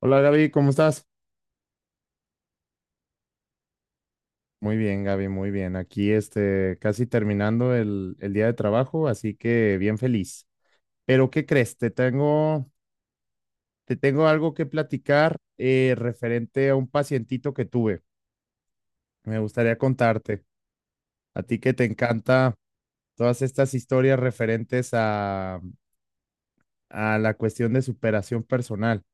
Hola Gaby, ¿cómo estás? Muy bien, Gaby, muy bien. Aquí casi terminando el día de trabajo, así que bien feliz. Pero ¿qué crees? Te tengo algo que platicar referente a un pacientito que tuve. Me gustaría contarte. A ti que te encanta todas estas historias a la cuestión de superación personal.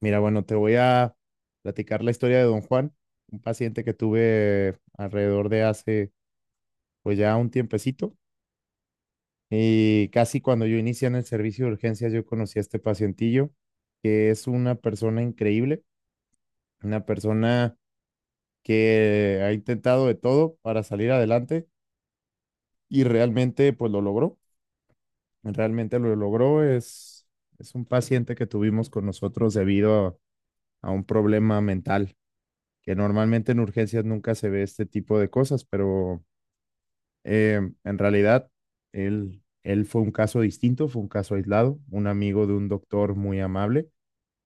Mira, bueno, te voy a platicar la historia de Don Juan, un paciente que tuve alrededor de hace pues ya un tiempecito. Y casi cuando yo inicié en el servicio de urgencias, yo conocí a este pacientillo, que es una persona increíble, una persona que ha intentado de todo para salir adelante y realmente pues lo logró, realmente lo logró. Es un paciente que tuvimos con nosotros a un problema mental, que normalmente en urgencias nunca se ve este tipo de cosas, pero en realidad él fue un caso distinto, fue un caso aislado, un amigo de un doctor muy amable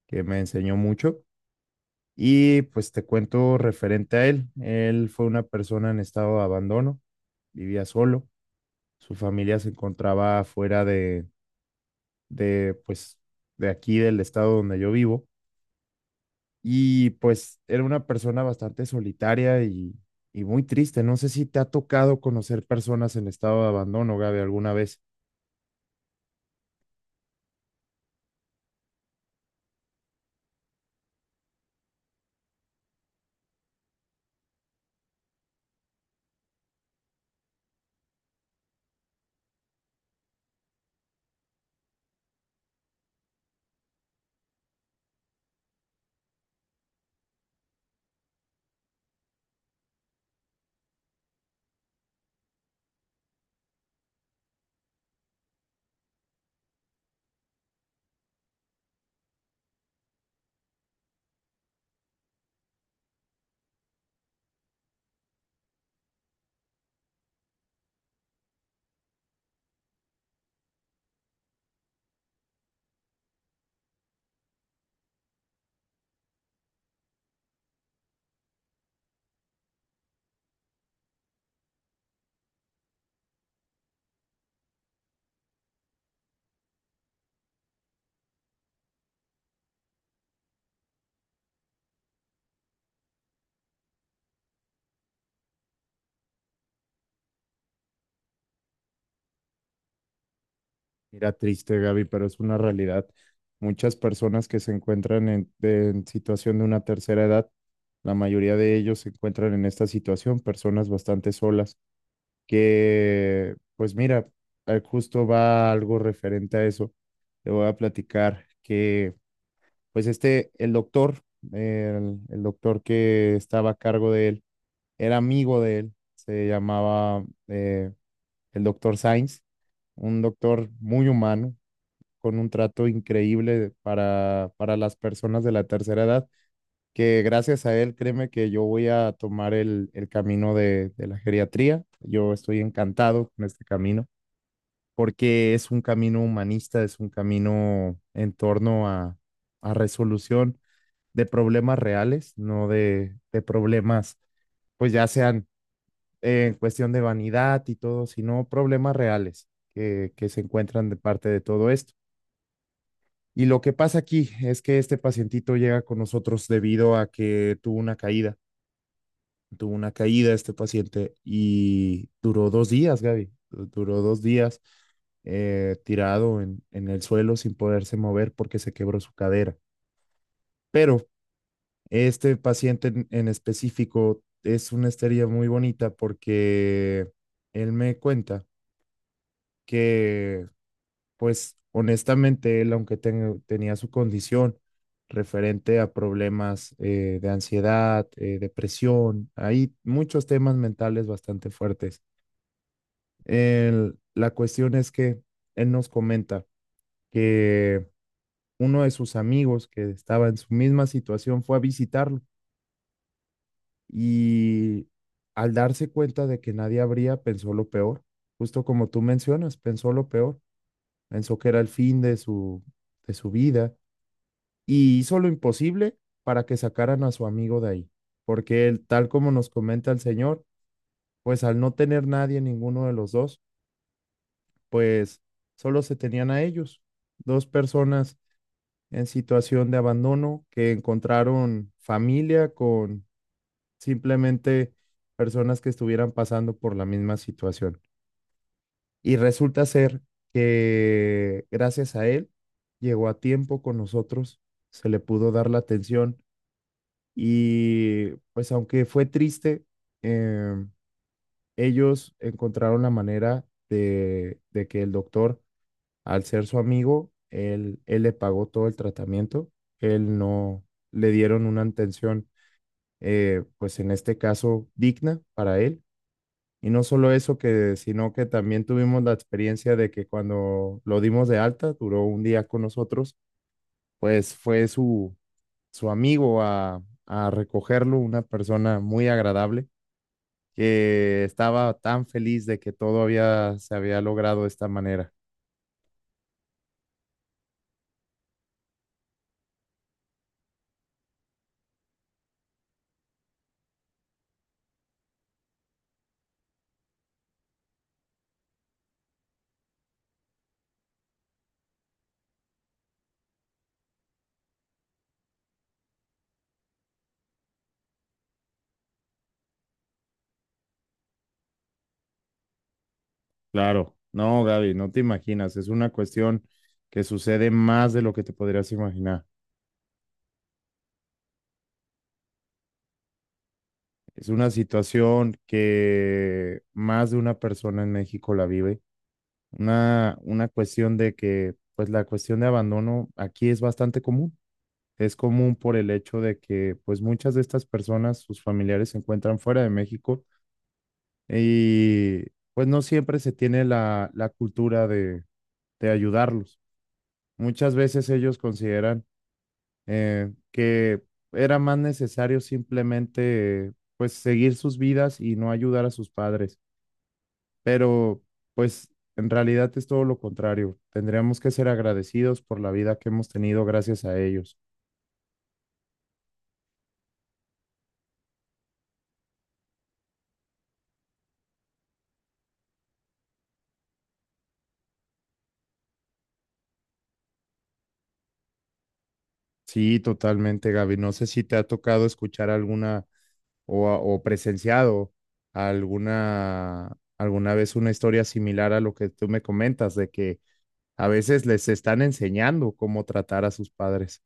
que me enseñó mucho. Y pues te cuento referente a él. Él fue una persona en estado de abandono, vivía solo, su familia se encontraba fuera de, pues, de aquí, del estado donde yo vivo. Y pues era una persona bastante solitaria y muy triste. No sé si te ha tocado conocer personas en estado de abandono, Gaby, alguna vez. Mira, triste, Gaby, pero es una realidad. Muchas personas que se encuentran en situación de una tercera edad, la mayoría de ellos se encuentran en esta situación, personas bastante solas, que, pues mira, justo va algo referente a eso. Te voy a platicar que, pues este, el doctor, el doctor que estaba a cargo de él, era amigo de él, se llamaba el doctor Sainz, un doctor muy humano con un trato increíble para las personas de la tercera edad, que gracias a él, créeme que yo voy a tomar el camino de la geriatría. Yo estoy encantado con este camino porque es un camino humanista, es un camino a resolución de problemas reales, no de, de problemas, pues ya sean en cuestión de vanidad y todo, sino problemas reales que se encuentran de parte de todo esto. Y lo que pasa aquí es que este pacientito llega con nosotros debido a que tuvo una caída este paciente y duró dos días, Gaby, duró dos días tirado en el suelo sin poderse mover porque se quebró su cadera. Pero este paciente en específico es una historia muy bonita porque él me cuenta que pues honestamente, él, aunque tenía su condición referente a problemas de ansiedad, depresión, hay muchos temas mentales bastante fuertes. La cuestión es que él nos comenta que uno de sus amigos que estaba en su misma situación fue a visitarlo y al darse cuenta de que nadie abría, pensó lo peor, justo como tú mencionas, pensó lo peor, pensó que era el fin de de su vida y hizo lo imposible para que sacaran a su amigo de ahí, porque él, tal como nos comenta el Señor, pues al no tener nadie, ninguno de los dos, pues solo se tenían a ellos, dos personas en situación de abandono que encontraron familia con simplemente personas que estuvieran pasando por la misma situación. Y resulta ser que gracias a él llegó a tiempo con nosotros, se le pudo dar la atención. Y pues aunque fue triste, em, ellos encontraron la manera de que el doctor, al ser su amigo, él le pagó todo el tratamiento, él no le dieron una atención, pues en este caso, digna para él. Y no solo eso, que, sino que también tuvimos la experiencia de que cuando lo dimos de alta, duró un día con nosotros, pues fue su amigo a recogerlo, una persona muy agradable que estaba tan feliz de que todo había, se había logrado de esta manera. Claro, no, Gaby, no te imaginas, es una cuestión que sucede más de lo que te podrías imaginar. Es una situación que más de una persona en México la vive. Una cuestión de que, pues la cuestión de abandono aquí es bastante común. Es común por el hecho de que, pues muchas de estas personas, sus familiares se encuentran fuera de México. Y pues no siempre se tiene la cultura de ayudarlos. Muchas veces ellos consideran que era más necesario simplemente pues seguir sus vidas y no ayudar a sus padres. Pero pues en realidad es todo lo contrario. Tendríamos que ser agradecidos por la vida que hemos tenido gracias a ellos. Sí, totalmente, Gaby. No sé si te ha tocado escuchar alguna o presenciado alguna vez una historia similar a lo que tú me comentas, de que a veces les están enseñando cómo tratar a sus padres.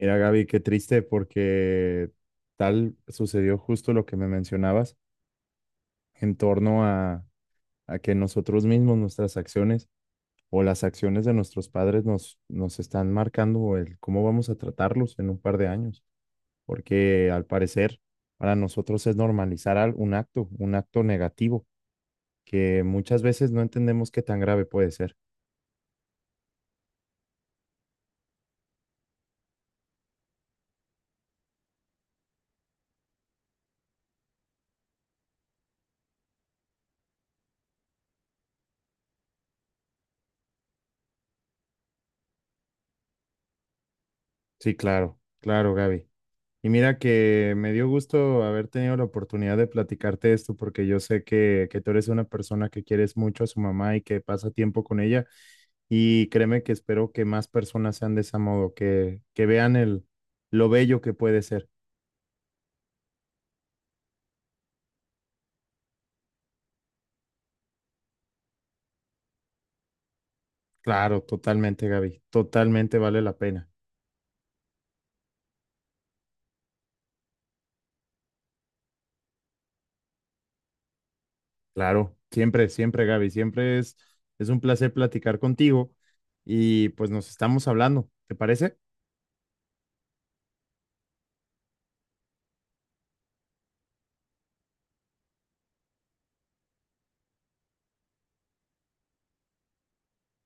Mira, Gaby, qué triste porque tal sucedió justo lo que me mencionabas en torno a, a que nosotros mismos, nuestras acciones o las acciones de nuestros padres nos están marcando el cómo vamos a tratarlos en un par de años, porque al parecer para nosotros es normalizar un acto negativo, que muchas veces no entendemos qué tan grave puede ser. Sí, claro, claro, Gaby. Y mira que me dio gusto haber tenido la oportunidad de platicarte esto, porque yo sé que tú eres una persona que quieres mucho a su mamá y que pasa tiempo con ella. Y créeme que espero que más personas sean de ese modo, que vean el, lo bello que puede ser. Claro, totalmente, Gaby. Totalmente vale la pena. Claro, siempre, siempre, Gaby, siempre es un placer platicar contigo y pues nos estamos hablando, ¿te parece?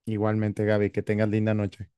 Igualmente, Gaby, que tengas linda noche.